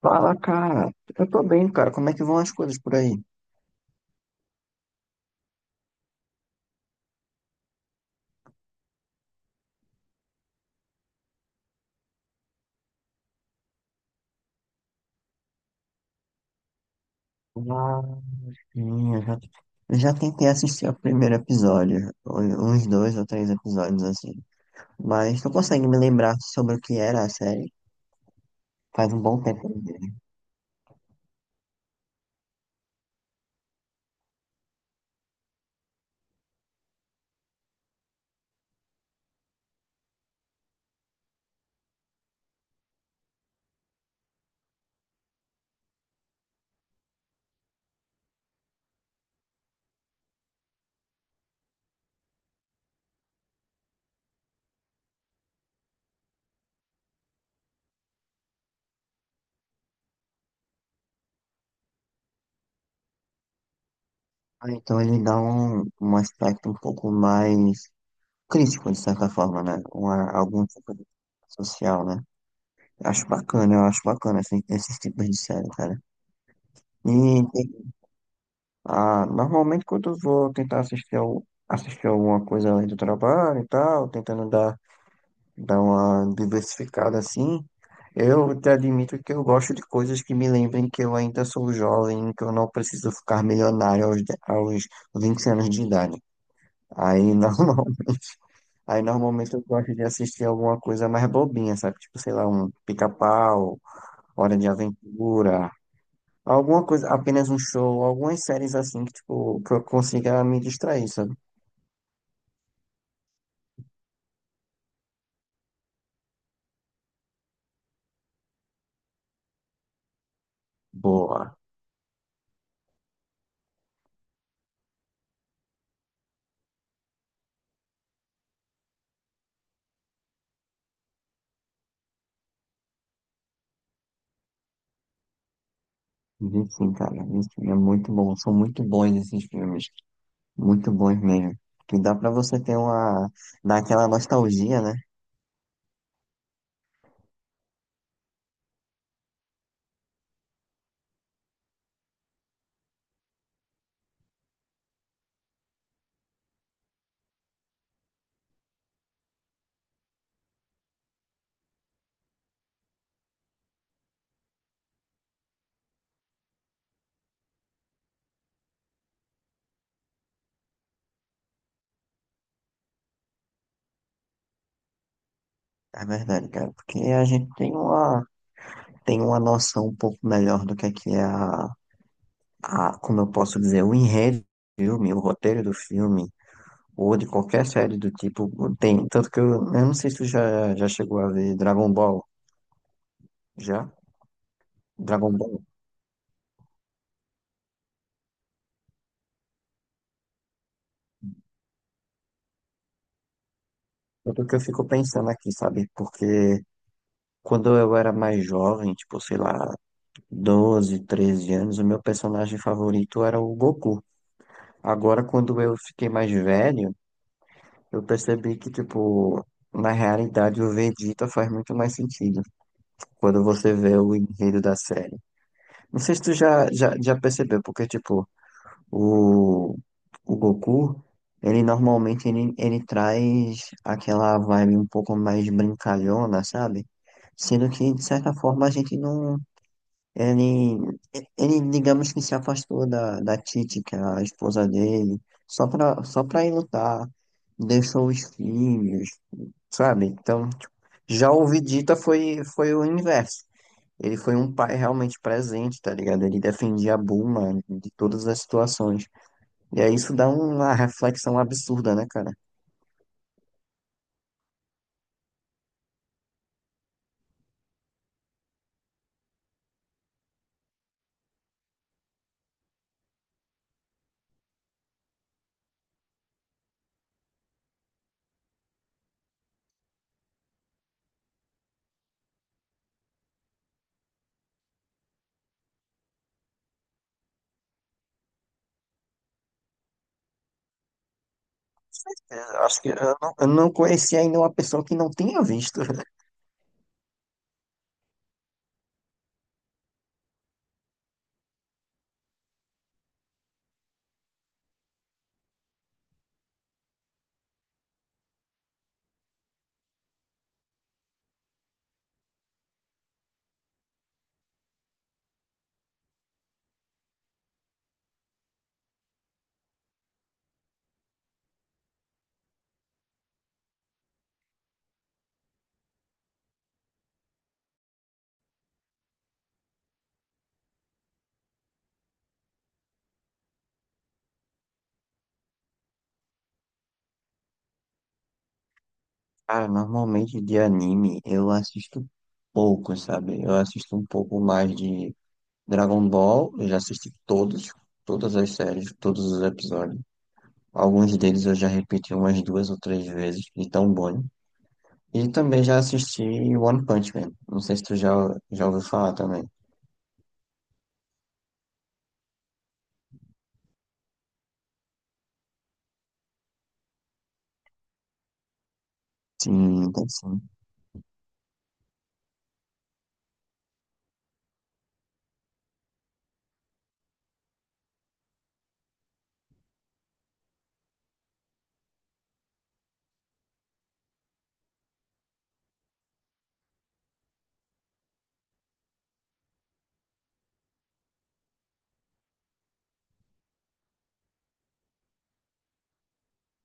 Fala, cara. Eu tô bem, cara. Como é que vão as coisas por aí? Ah, sim, eu já tentei assistir o primeiro episódio, uns dois ou três episódios assim. Mas não consegue me lembrar sobre o que era a série. Faz um bom tempo mesmo. Ah, então ele dá um aspecto um pouco mais crítico, de certa forma, né? Uma, algum tipo de social, né? Acho bacana, eu acho bacana assim, esses tipos de série, cara. E ah, normalmente quando eu vou tentar assistir, assistir alguma coisa além do trabalho e tal, tentando dar uma diversificada assim, eu te admito que eu gosto de coisas que me lembrem que eu ainda sou jovem, que eu não preciso ficar milionário aos 20 anos de idade. Aí normalmente, aí normalmente eu gosto de assistir alguma coisa mais bobinha, sabe? Tipo, sei lá, um pica-pau, Hora de Aventura, alguma coisa, apenas um show, algumas séries assim que, tipo, que eu consiga me distrair, sabe. Boa. Vi sim, cara. Vi sim. É muito bom. São muito bons esses filmes. Muito bons mesmo. Que dá pra você ter uma, dar aquela nostalgia, né? É verdade, cara. Porque a gente tem uma, tem uma noção um pouco melhor do que é a, como eu posso dizer, o enredo do filme, o roteiro do filme, ou de qualquer série do tipo. Tem. Tanto que eu não sei se tu já chegou a ver Dragon Ball. Já? Dragon Ball. Tanto que eu fico pensando aqui, sabe? Porque, quando eu era mais jovem, tipo, sei lá, 12, 13 anos, o meu personagem favorito era o Goku. Agora, quando eu fiquei mais velho, eu percebi que, tipo, na realidade o Vegeta faz muito mais sentido quando você vê o enredo da série. Não sei se tu já percebeu, porque, tipo, o, o Goku, ele normalmente ele traz aquela vibe um pouco mais brincalhona, sabe? Sendo que, de certa forma, a gente não. Ele, Ele, digamos que se afastou da Titi, que era a esposa dele, só pra ir lutar. Deixou os filhos, sabe? Então, tipo, já o Vegeta foi o inverso. Ele foi um pai realmente presente, tá ligado? Ele defendia a Bulma de todas as situações. E aí isso dá uma reflexão absurda, né, cara? Eu acho que eu não, eu não conheci ainda uma pessoa que não tenha visto. Cara, normalmente de anime eu assisto pouco, sabe? Eu assisto um pouco mais de Dragon Ball, eu já assisti todas as séries, todos os episódios. Alguns deles eu já repeti umas duas ou três vezes, de tão bom. E também já assisti One Punch Man. Não sei se tu já ouviu falar também. Sim, então sim.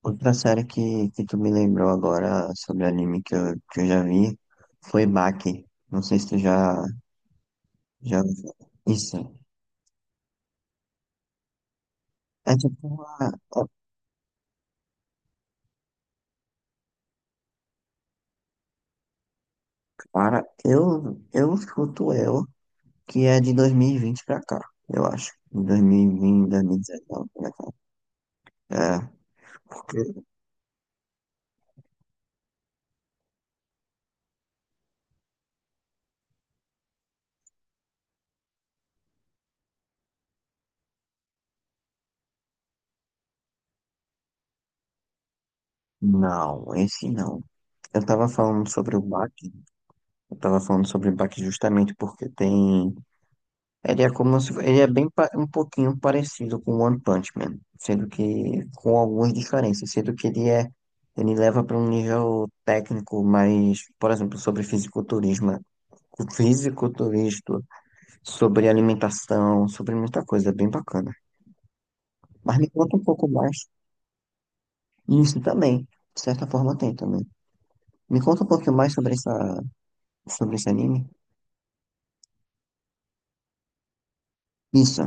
Outra série que tu me lembrou agora sobre anime que que eu já vi foi Baki. Não sei se tu já, já ouviu falar. Isso. É tipo uma. Para, eu escuto ela, que é de 2020 pra cá, eu acho. 2020, 2019 pra cá. É, porque. Não, esse não. Eu tava falando sobre o Bach, eu tava falando sobre o Bach justamente porque tem. Ele é como se. Ele é bem um pouquinho parecido com One Punch Man, sendo que, com algumas diferenças, sendo que ele é. Ele leva para um nível técnico mais, por exemplo, sobre fisiculturismo, o fisiculturismo, sobre alimentação, sobre muita coisa, é bem bacana. Mas me conta um pouco mais. Isso também, de certa forma tem também. Me conta um pouquinho mais sobre essa, sobre esse anime. Isso,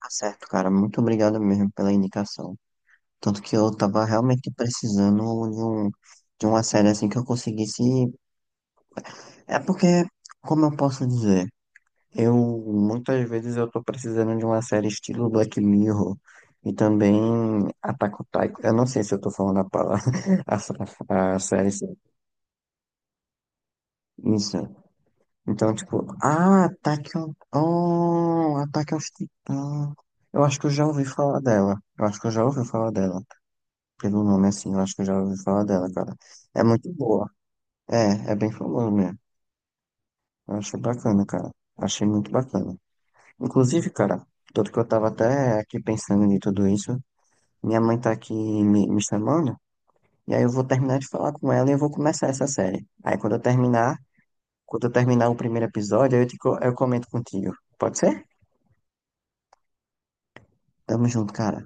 tá certo, cara. Muito obrigado mesmo pela indicação. Tanto que eu tava realmente precisando de um, de uma série assim que eu conseguisse. É porque, como eu posso dizer? Eu muitas vezes eu tô precisando de uma série estilo Black Mirror e também Attack on Titan. Eu não sei se eu tô falando a palavra, a, s- a série certa. Isso. Então, tipo, ah, Attack on Titan. Eu acho que eu já ouvi falar dela. Eu acho que eu já ouvi falar dela. Pelo nome assim, eu acho que eu já ouvi falar dela, cara. É muito boa. É, é bem famoso mesmo. Eu achei bacana, cara. Achei muito bacana. Inclusive, cara, tanto que eu tava até aqui pensando em tudo isso. Minha mãe tá aqui me chamando, e aí eu vou terminar de falar com ela e eu vou começar essa série. Aí quando eu terminar o primeiro episódio, aí eu comento contigo. Pode ser? Tamo junto, cara.